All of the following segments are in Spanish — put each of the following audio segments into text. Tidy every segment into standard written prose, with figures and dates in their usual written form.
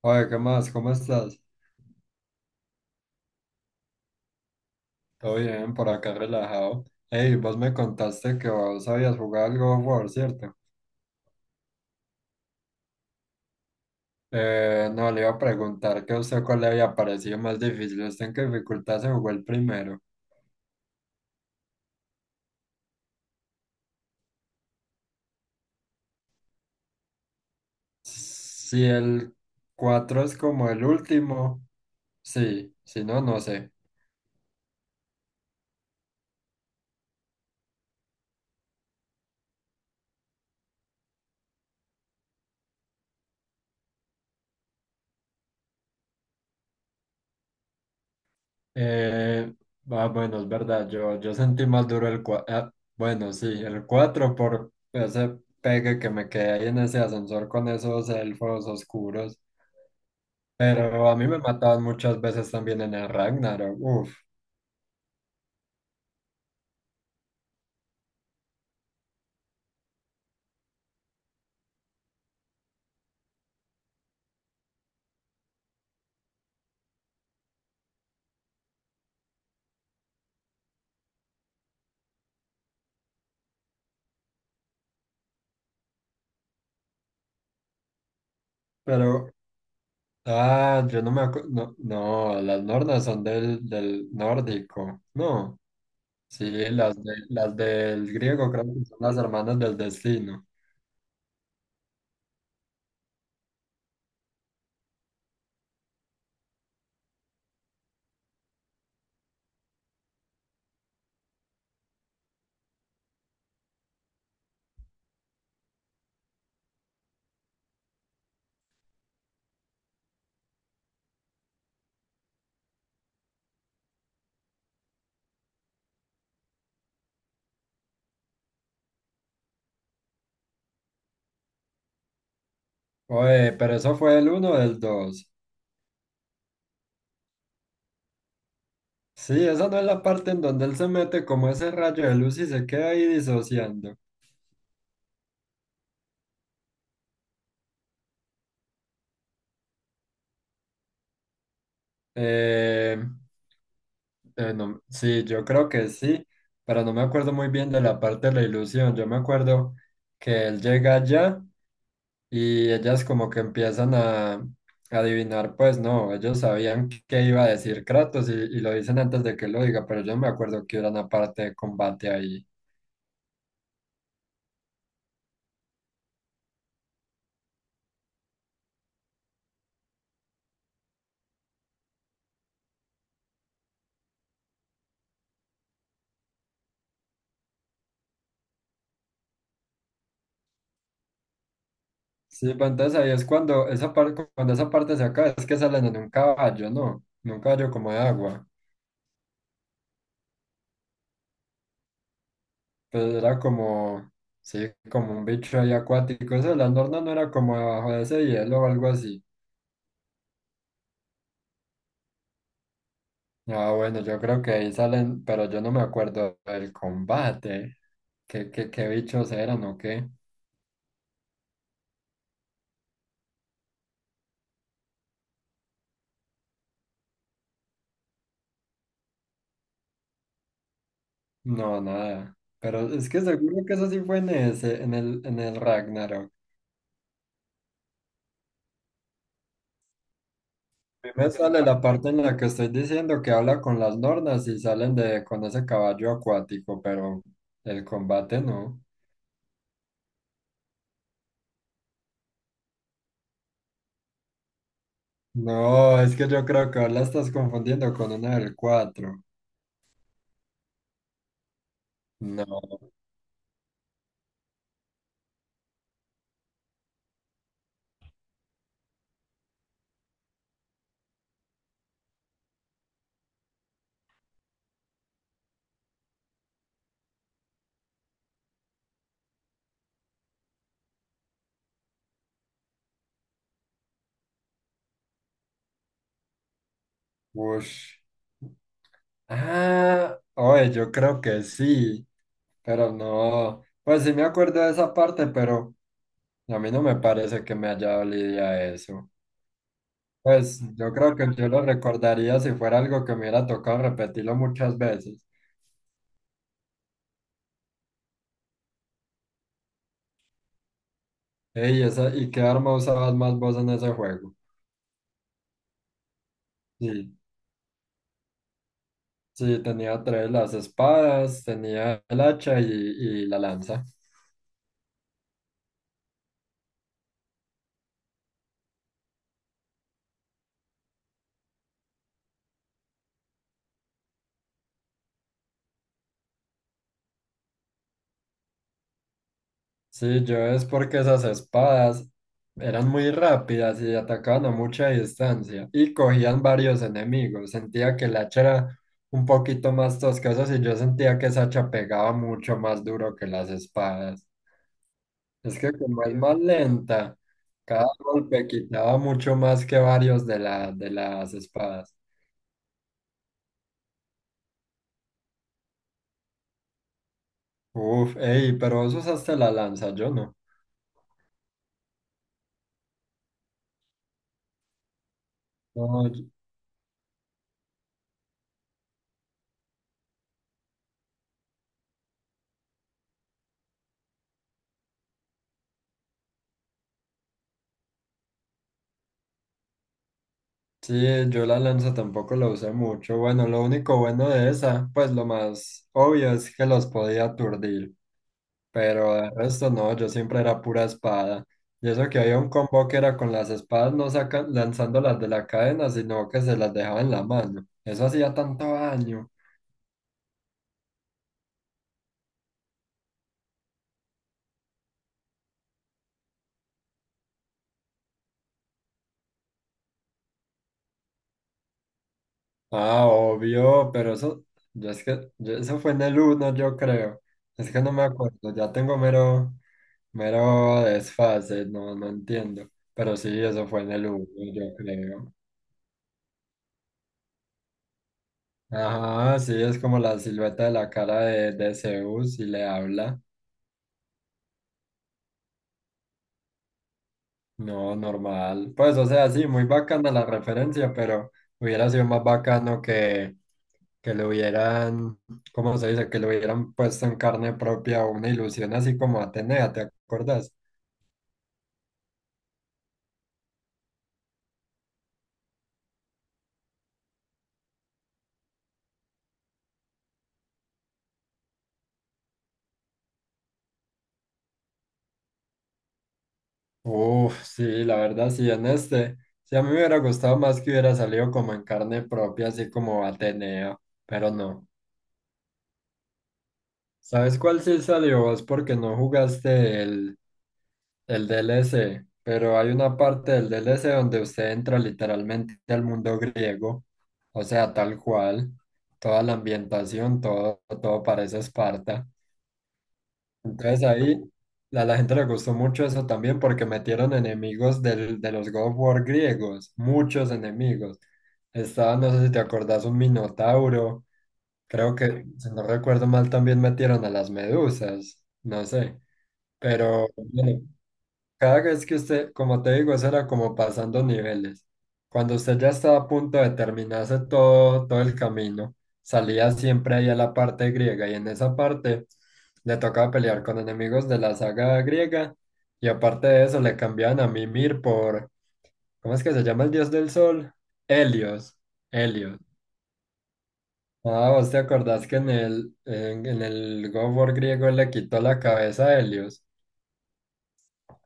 Oye, ¿qué más? ¿Cómo estás? Todo bien, por acá relajado. Hey, vos me contaste que vos habías jugado al God of War, ¿cierto? No, le iba a preguntar que a usted cuál le había parecido más difícil. ¿Usted en qué dificultad se jugó el primero? Si el 4 es como el último, sí, si no, no sé. Eh, ah, bueno, es verdad, yo sentí más duro el 4. Bueno, sí, el 4 por ese pegue que me quedé ahí en ese ascensor con esos elfos oscuros. Pero a mí me mataban muchas veces también en el Ragnarok, uff. Pero, ah, yo no me acuerdo, no, no, las nornas son del nórdico, no. Sí, las, de, las del griego creo que son las hermanas del destino. Oye, pero eso fue el uno o el dos. Sí, esa no es la parte en donde él se mete como ese rayo de luz y se queda ahí disociando. Eh, sí, yo creo que sí, pero no me acuerdo muy bien de la parte de la ilusión. Yo me acuerdo que él llega allá y ellas como que empiezan a adivinar, pues no, ellos sabían qué iba a decir Kratos y lo dicen antes de que lo diga, pero yo no me acuerdo que hubiera una parte de combate ahí. Sí, pues entonces ahí es cuando esa parte se acaba, es que salen en un caballo, ¿no? En un caballo como de agua. Pues era como, sí, como un bicho ahí acuático. Eso de la norna no era como debajo de ese hielo o algo así. Ah, bueno, yo creo que ahí salen, pero yo no me acuerdo del combate. ¿Qué bichos eran o qué? No, nada. Pero es que seguro que eso sí fue en ese, en el Ragnarok. A mí me sale la parte en la que estoy diciendo que habla con las nornas y salen de con ese caballo acuático, pero el combate no. No, es que yo creo que la estás confundiendo con una del 4. No, ush. Ah, oye, yo creo que sí, pero no. Pues sí me acuerdo de esa parte, pero a mí no me parece que me haya dolido a eso. Pues yo creo que yo lo recordaría si fuera algo que me hubiera tocado repetirlo muchas veces. Ey, esa, ¿y qué arma usabas más vos en ese juego? Sí, sí, tenía tres, las espadas, tenía el hacha y la lanza. Sí, yo es porque esas espadas eran muy rápidas y atacaban a mucha distancia y cogían varios enemigos. Sentía que el hacha era un poquito más tosca, y yo sentía que esa hacha pegaba mucho más duro que las espadas. Es que como es más lenta, cada golpe quitaba mucho más que varios de las espadas. Uf, ey, pero vos usaste la lanza, yo no. No, Sí, yo la lanza tampoco la usé mucho. Bueno, lo único bueno de esa, pues lo más obvio es que los podía aturdir, pero de resto no, yo siempre era pura espada. Y eso que había un combo que era con las espadas no sacan, lanzándolas de la cadena, sino que se las dejaba en la mano. Eso hacía tanto daño. Ah, obvio, pero eso, yo es que, yo- eso fue en el uno, yo creo. Es que no me acuerdo, ya tengo mero, mero desfase, no, no entiendo. Pero sí, eso fue en el uno yo creo. Ajá, sí, es como la silueta de la cara de Zeus y le habla. No, normal. Pues, o sea, sí, muy bacana la referencia, pero hubiera sido más bacano que le hubieran, ¿cómo se dice? Que le hubieran puesto en carne propia una ilusión así como Atenea, ¿te acuerdas? Uf, sí, la verdad, sí, en este. Sí, a mí me hubiera gustado más que hubiera salido como en carne propia, así como Atenea pero no. ¿Sabes cuál sí salió vos? Porque no jugaste el DLC, pero hay una parte del DLC donde usted entra literalmente al mundo griego, o sea, tal cual, toda la ambientación, todo, todo parece Esparta. Entonces ahí a la gente le gustó mucho eso también porque metieron enemigos del- de los God of War griegos, muchos enemigos. Estaba, no sé si te acordás, un minotauro. Creo que, si no recuerdo mal, también metieron a las medusas, no sé. Pero bueno, cada vez que usted, como te digo, eso era como pasando niveles. Cuando usted ya estaba a punto de terminarse todo, todo el camino, salía siempre ahí a la parte griega y en esa parte le tocaba pelear con enemigos de la saga griega y aparte de eso le cambiaban a Mimir por, ¿cómo es que se llama el dios del sol? Helios, Helios. Ah, ¿vos te acordás que en el God of War griego él le quitó la cabeza a Helios?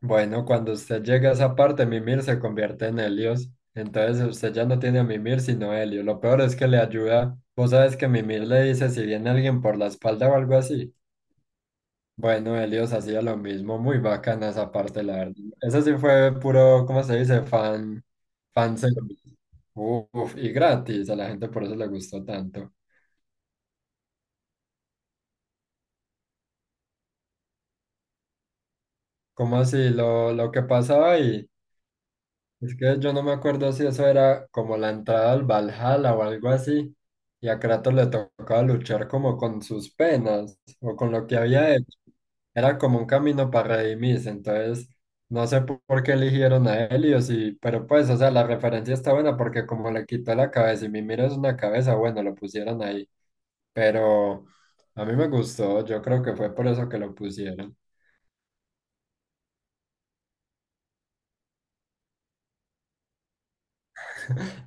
Bueno, cuando usted llega a esa parte, Mimir se convierte en Helios. Entonces usted ya no tiene a Mimir sino Helio. Lo peor es que le ayuda. Vos sabes que Mimir le dice si viene alguien por la espalda o algo así. Bueno, Helios hacía lo mismo. Muy bacana esa parte, la verdad. Eso sí fue puro, ¿cómo se dice? Fan, fan service. Uf, y gratis. A la gente por eso le gustó tanto. Como así? Lo que pasaba ahí. Es que yo no me acuerdo si eso era como la entrada al Valhalla o algo así, y a Kratos le tocaba luchar como con sus penas o con lo que había hecho. Era como un camino para redimirse, entonces no sé por qué eligieron a Helios, y, pero pues, o sea, la referencia está buena porque como le quitó la cabeza y Mimir es una cabeza, bueno, lo pusieron ahí, pero a mí me gustó, yo creo que fue por eso que lo pusieron.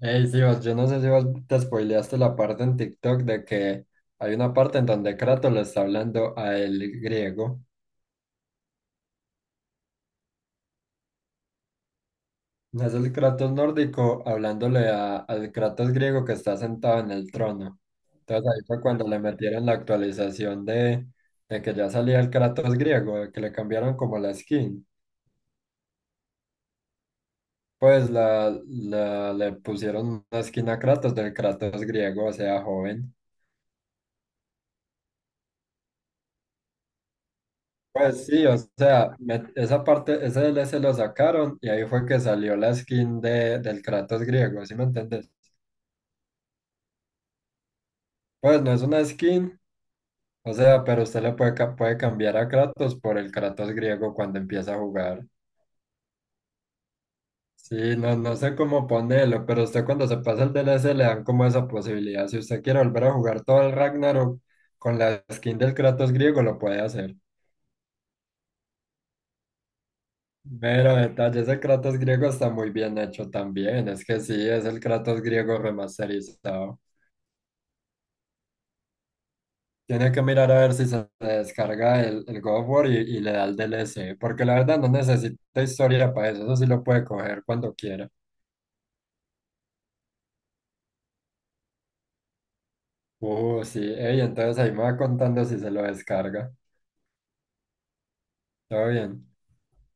Ey, sí, vos, yo no sé si vos te spoileaste la parte en TikTok de que hay una parte en donde Kratos le está hablando a el griego. No, es el Kratos nórdico hablándole al Kratos griego que está sentado en el trono. Entonces ahí fue cuando le metieron la actualización de que ya salía el Kratos griego, de que le cambiaron como la skin. Pues le pusieron una skin a Kratos del Kratos griego, o sea, joven. Pues sí, o sea, esa parte, ese D L DLC lo sacaron y ahí fue que salió la skin del Kratos griego, ¿sí me entiendes? Pues no es una skin, o sea, pero usted le puede, puede cambiar a Kratos por el Kratos griego cuando empieza a jugar. Sí, no, no sé cómo ponerlo, pero usted cuando se pasa el D DLC le dan como esa posibilidad. Si usted quiere volver a jugar todo el Ragnarok con la skin del Kratos griego, lo puede hacer. Pero detalle, ese Kratos griego está muy bien hecho también. Es que sí, es el Kratos griego remasterizado. Tiene que mirar a ver si se descarga el God of War y le da el DLC, porque la verdad no necesita historia para eso. Eso sí lo puede coger cuando quiera. Sí, ey, entonces ahí me va contando si se lo descarga. Todo bien.